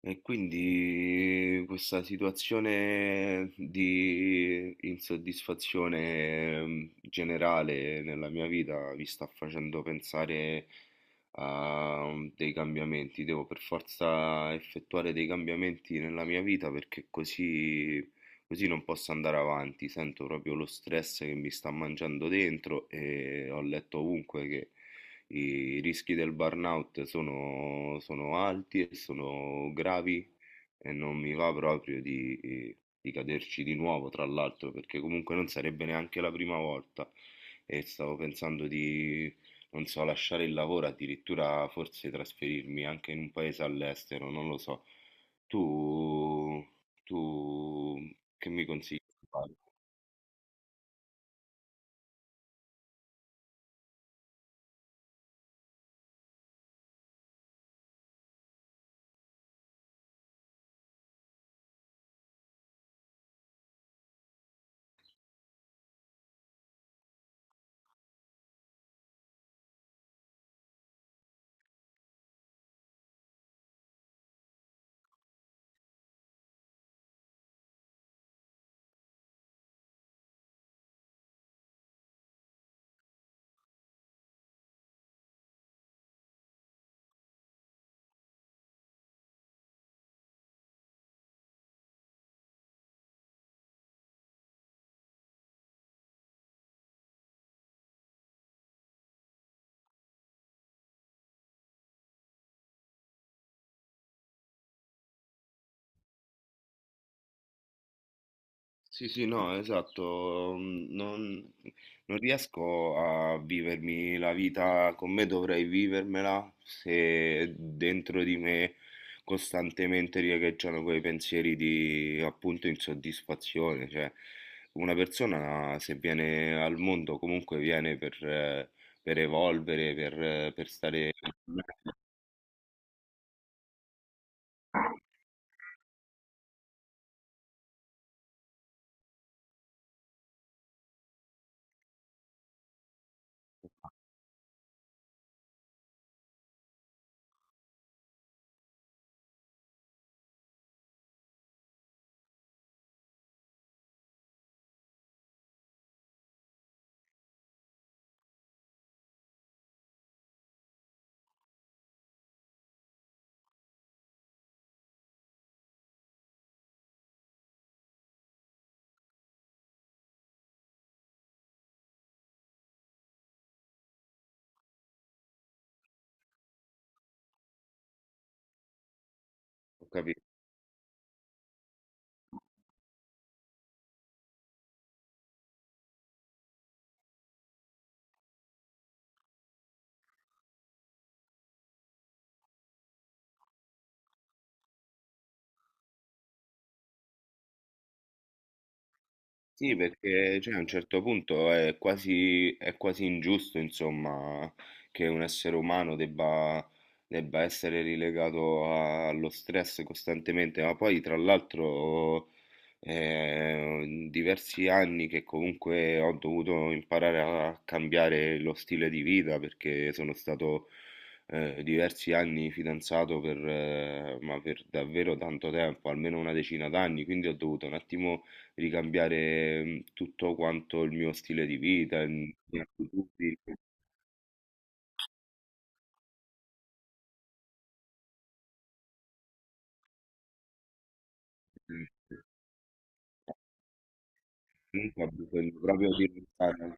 E quindi questa situazione di insoddisfazione generale nella mia vita mi sta facendo pensare a dei cambiamenti. Devo per forza effettuare dei cambiamenti nella mia vita perché così non posso andare avanti. Sento proprio lo stress che mi sta mangiando dentro e ho letto ovunque che i rischi del burnout sono alti e sono gravi e non mi va proprio di caderci di nuovo, tra l'altro, perché comunque non sarebbe neanche la prima volta e stavo pensando non so, lasciare il lavoro, addirittura forse trasferirmi anche in un paese all'estero, non lo so. Tu, tu che mi consigli di fare? Sì, sì, no, esatto, non riesco a vivermi la vita come dovrei vivermela se dentro di me costantemente riecheggiano quei pensieri di appunto insoddisfazione, cioè una persona se viene al mondo comunque viene per evolvere, per stare... Ho capito. Sì, perché cioè, a un certo punto è quasi ingiusto, insomma, che un essere umano debba essere relegato allo stress costantemente, ma poi tra l'altro in diversi anni che comunque ho dovuto imparare a cambiare lo stile di vita perché sono stato diversi anni fidanzato per, ma per davvero tanto tempo, almeno una decina d'anni, quindi ho dovuto un attimo ricambiare, tutto quanto il mio stile di vita, le mie attitudini, comunque ho bisogno proprio di lontano.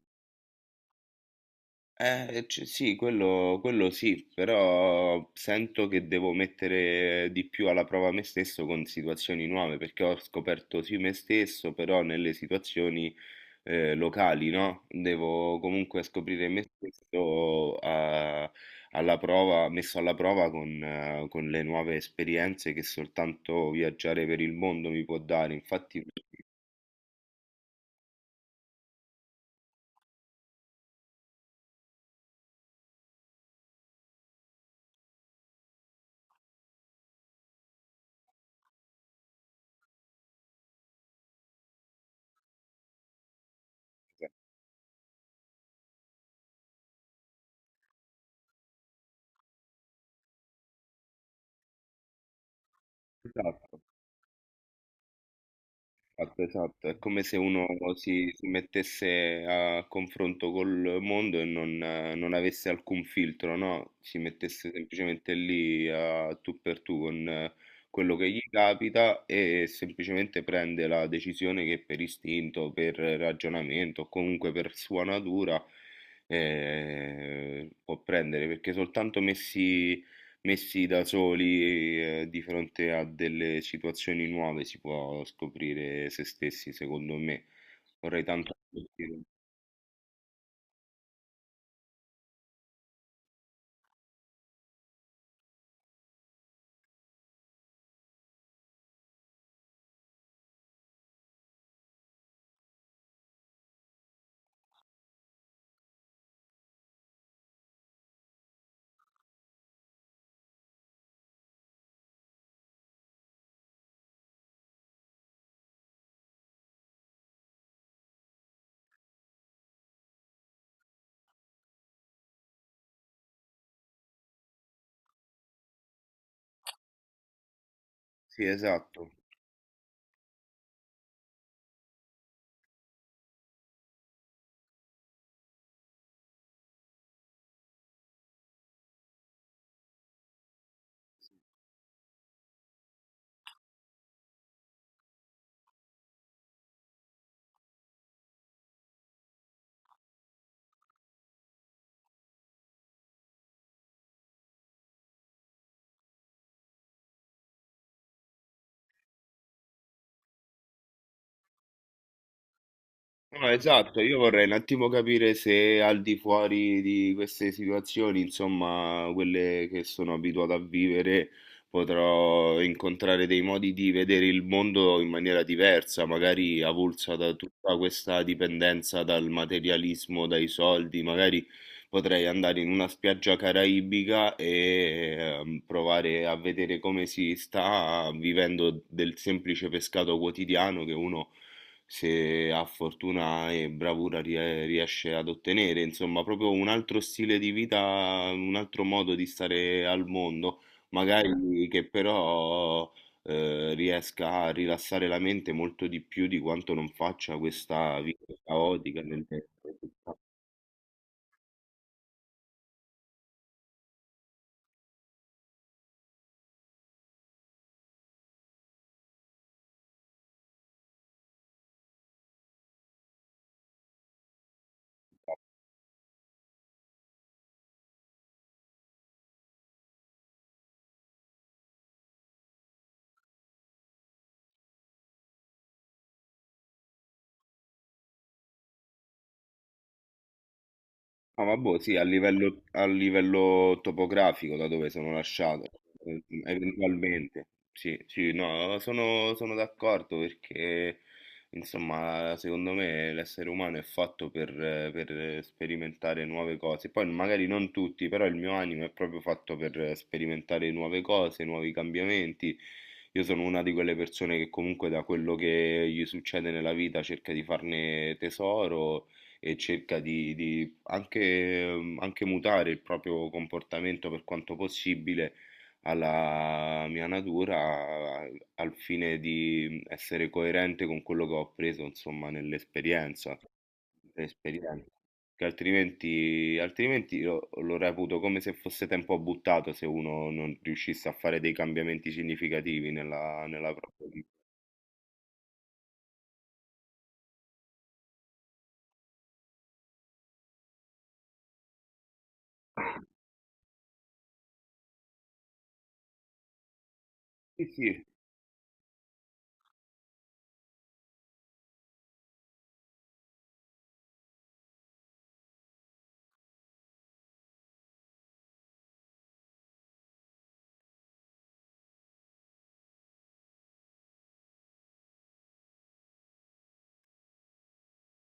C sì, quello sì, però sento che devo mettere di più alla prova me stesso con situazioni nuove, perché ho scoperto sì me stesso, però nelle situazioni locali, no? Devo comunque scoprire me stesso alla prova, messo alla prova con le nuove esperienze che soltanto viaggiare per il mondo mi può dare. Infatti, esatto. Esatto, esatto, è come se uno si mettesse a confronto col mondo e non, non avesse alcun filtro, no? Si mettesse semplicemente lì a tu per tu con quello che gli capita e semplicemente prende la decisione che per istinto, per ragionamento o comunque per sua natura può prendere, perché soltanto messi da soli, di fronte a delle situazioni nuove, si può scoprire se stessi, secondo me. Vorrei tanto scoprire. Sì, esatto. No, esatto, io vorrei un attimo capire se al di fuori di queste situazioni, insomma, quelle che sono abituato a vivere, potrò incontrare dei modi di vedere il mondo in maniera diversa, magari avulsa da tutta questa dipendenza dal materialismo, dai soldi, magari potrei andare in una spiaggia caraibica e provare a vedere come si sta vivendo del semplice pescato quotidiano che uno se ha fortuna e bravura riesce ad ottenere, insomma, proprio un altro stile di vita, un altro modo di stare al mondo, magari che però riesca a rilassare la mente molto di più di quanto non faccia questa vita caotica nelle città. Ah, vabbò, sì, a livello topografico da dove sono lasciato, eventualmente. Sì, sì, no, sono d'accordo perché, insomma, secondo me l'essere umano è fatto per sperimentare nuove cose. Poi magari non tutti, però il mio animo è proprio fatto per sperimentare nuove cose, nuovi cambiamenti. Io sono una di quelle persone che comunque da quello che gli succede nella vita cerca di farne tesoro e cerca di anche, anche mutare il proprio comportamento per quanto possibile alla mia natura a- al fine di essere coerente con quello che ho appreso, insomma, nell'esperienza. Nell'esperienza. Che altrimenti, altrimenti lo reputo come se fosse tempo buttato se uno non riuscisse a fare dei cambiamenti significativi nella propria vita. Sì, sì,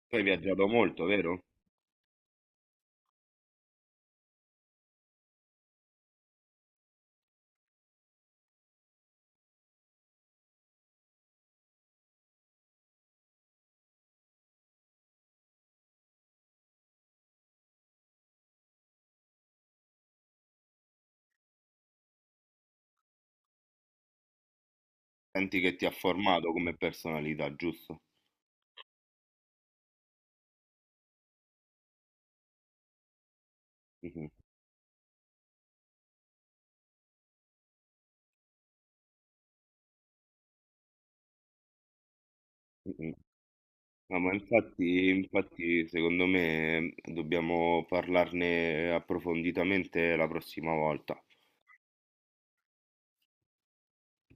tu hai viaggiato molto, vero? Senti che ti ha formato come personalità, giusto? Mhm. Mm. No, ma infatti, infatti, secondo me dobbiamo parlarne approfonditamente la prossima volta.